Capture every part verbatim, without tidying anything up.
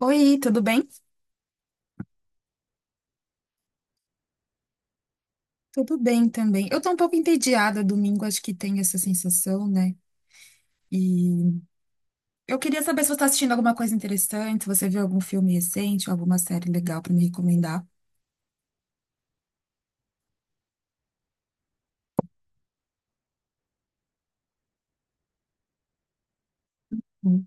Oi, tudo bem? Tudo bem também. Eu tô um pouco entediada domingo, acho que tem essa sensação, né? E eu queria saber se você tá assistindo alguma coisa interessante, se você viu algum filme recente, alguma série legal pra me recomendar. Hum.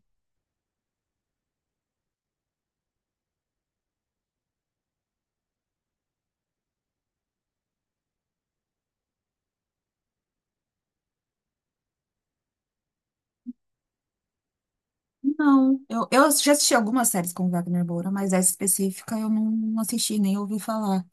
Não, eu, eu já assisti algumas séries com o Wagner Moura, mas essa específica eu não, não assisti, nem ouvi falar.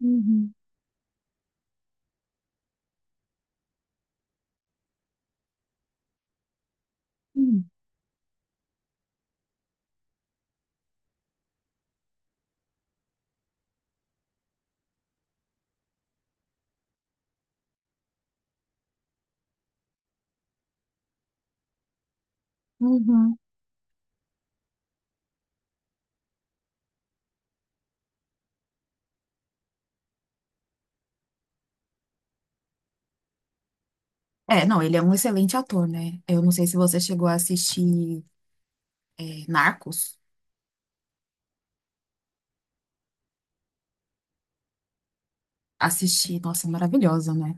Uhum. Hum. Uhum. É, não, ele é um excelente ator, né? Eu não sei se você chegou a assistir, é, Narcos. Assisti, nossa, maravilhosa, né?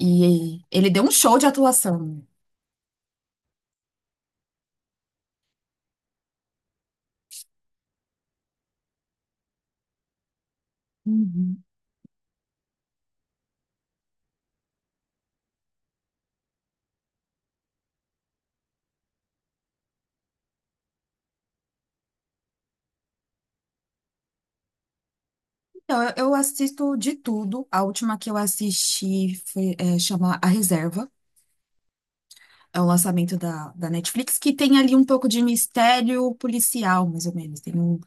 E ele deu um show de atuação. Uhum. Então, eu eu assisto de tudo. A última que eu assisti foi, é, chama A Reserva. É o lançamento da, da Netflix, que tem ali um pouco de mistério policial, mais ou menos. Tem um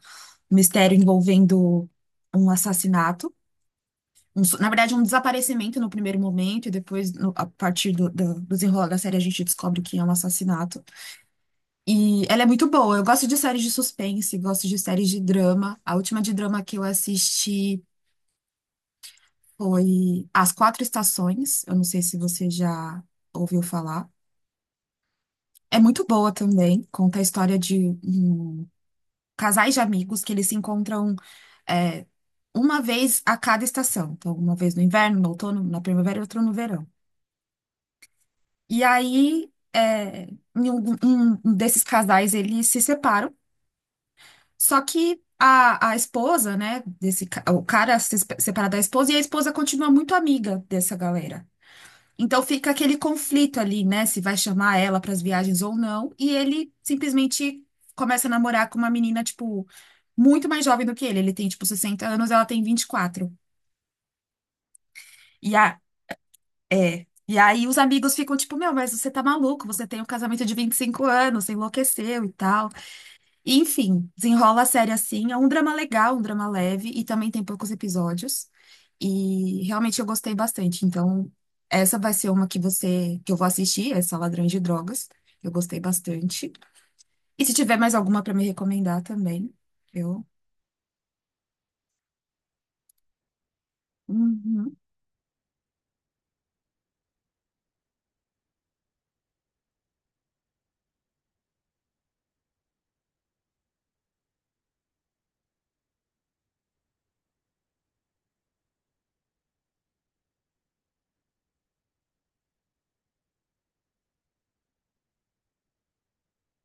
mistério envolvendo um assassinato. Um su- na verdade, um desaparecimento no primeiro momento, e depois, no- a partir do, do do desenrolar da série, a gente descobre que é um assassinato. E ela é muito boa. Eu gosto de séries de suspense, gosto de séries de drama. A última de drama que eu assisti foi As Quatro Estações. Eu não sei se você já ouviu falar. É muito boa também. Conta a história de um, casais de amigos que eles se encontram é, uma vez a cada estação. Então, uma vez no inverno, no outono, na primavera e outra no verão. E aí, é, em um um desses casais, eles se separam. Só que a, a esposa, né, desse, ca- o cara se espe- separa da esposa e a esposa continua muito amiga dessa galera. Então fica aquele conflito ali, né, se vai chamar ela para as viagens ou não, e ele simplesmente começa a namorar com uma menina, tipo, muito mais jovem do que ele. Ele tem, tipo, sessenta anos, ela tem vinte E quatro, e a, é, e aí os amigos ficam tipo, meu, mas você tá maluco, você tem um casamento de vinte e cinco anos, você enlouqueceu e tal. E, Enfim, desenrola a série assim. É um drama legal, um drama leve, e também tem poucos episódios. E realmente eu gostei bastante. Então, essa vai ser uma que você que eu vou assistir, essa Ladrões de Drogas. Eu gostei bastante. E se tiver mais alguma para me recomendar também, eu. Uhum.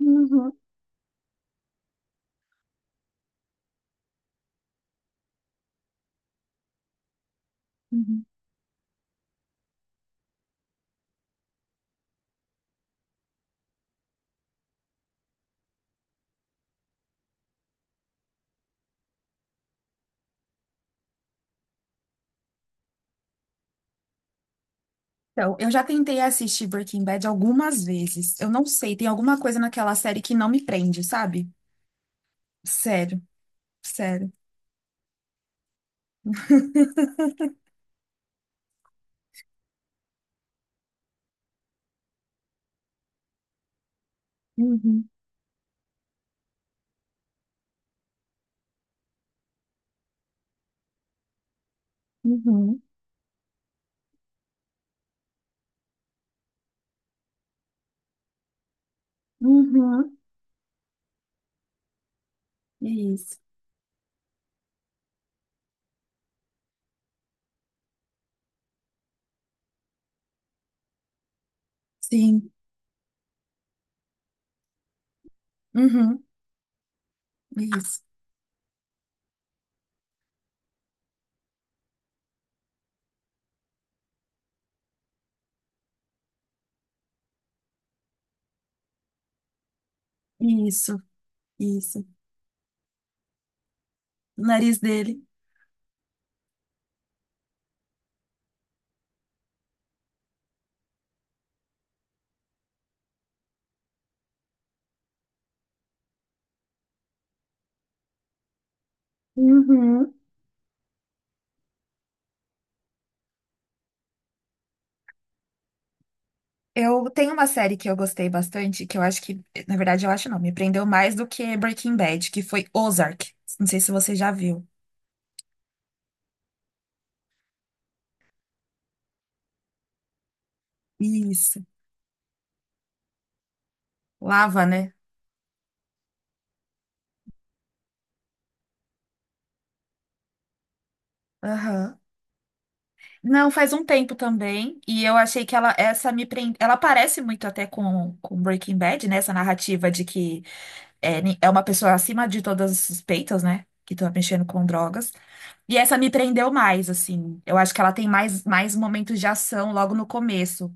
Uhum. Uhum. Então, eu já tentei assistir Breaking Bad algumas vezes. Eu não sei, tem alguma coisa naquela série que não me prende, sabe? Sério, sério. Uhum. Uhum. Uhum. Isso. Sim. Uhum. Isso. Isso. Isso. O nariz dele. Uhum. Eu tenho uma série que eu gostei bastante, que eu acho que, na verdade, eu acho não, me prendeu mais do que Breaking Bad, que foi Ozark. Não sei se você já viu. Isso. Lava, né? Aham. Não, faz um tempo também, e eu achei que ela essa me prende, ela parece muito até com com Breaking Bad, né? Essa narrativa de que é, ni- é uma pessoa acima de todas as suspeitas, né? Que tá mexendo com drogas. E essa me prendeu mais, assim. Eu acho que ela tem mais, mais momentos de ação logo no começo.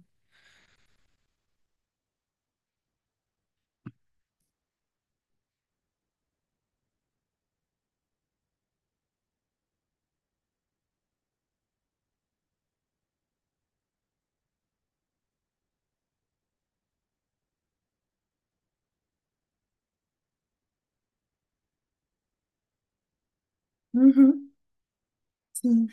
Uhum, sim.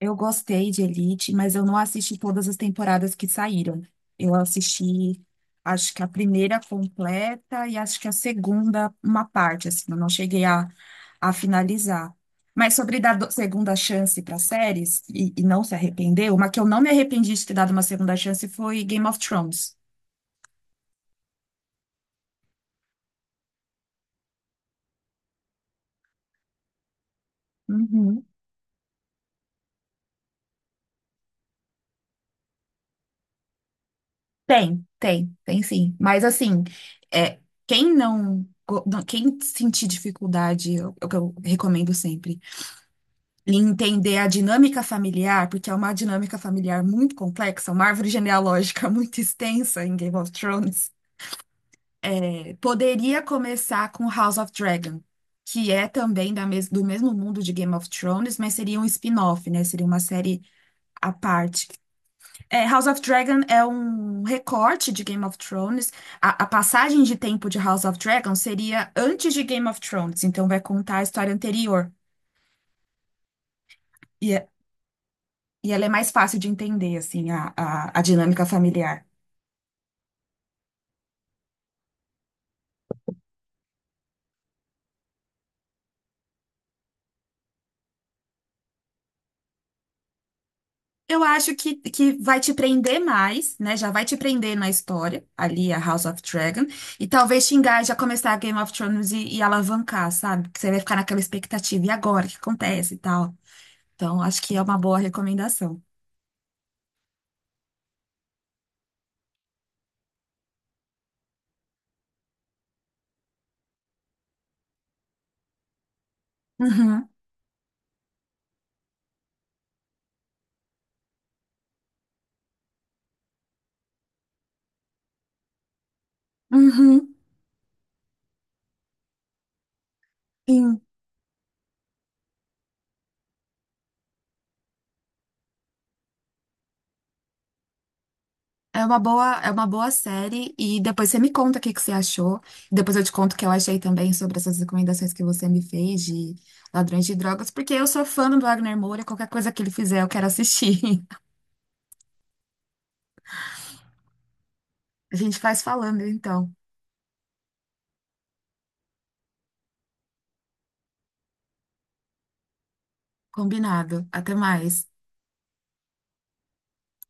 Eu gostei de Elite, mas eu não assisti todas as temporadas que saíram. Eu assisti, acho que a primeira completa e acho que a segunda, uma parte, assim, eu não cheguei a, a finalizar. Mas sobre dar do- segunda chance para séries e, e não se arrepender, uma que eu não me arrependi de ter dado uma segunda chance foi Game of Thrones. Uhum. Tem, tem, tem sim. Mas assim, é, quem não, go- não- quem sentir dificuldade, eu, eu eu recomendo sempre. E entender a dinâmica familiar, porque é uma dinâmica familiar muito complexa, uma árvore genealógica muito extensa em Game of Thrones. Eh, poderia começar com House of Dragon, que é também da mes do mesmo mundo de Game of Thrones, mas seria um spin-off, né? Seria uma série à parte. Eh, House of Dragon é um recorte de Game of Thrones. A, a passagem de tempo de House of Dragon seria antes de Game of Thrones, então vai contar a história anterior. E é, E ela é mais fácil de entender, assim, a, a, a dinâmica familiar. Eu acho que, que vai te prender mais, né? Já vai te prender na história, ali a House of Dragon. E talvez te engaje a começar a Game of Thrones e, e alavancar, sabe? Que você vai ficar naquela expectativa. E agora? O que acontece e tal? Então, acho que é uma boa recomendação. Uhum, uhum, sim. É uma boa, é uma boa série e depois você me conta o que que você achou. Depois eu te conto o que eu achei também sobre essas recomendações que você me fez de Ladrões de Drogas, porque eu sou fã do Wagner Moura, qualquer coisa que ele fizer eu quero assistir. A gente faz falando então. Combinado. Até mais.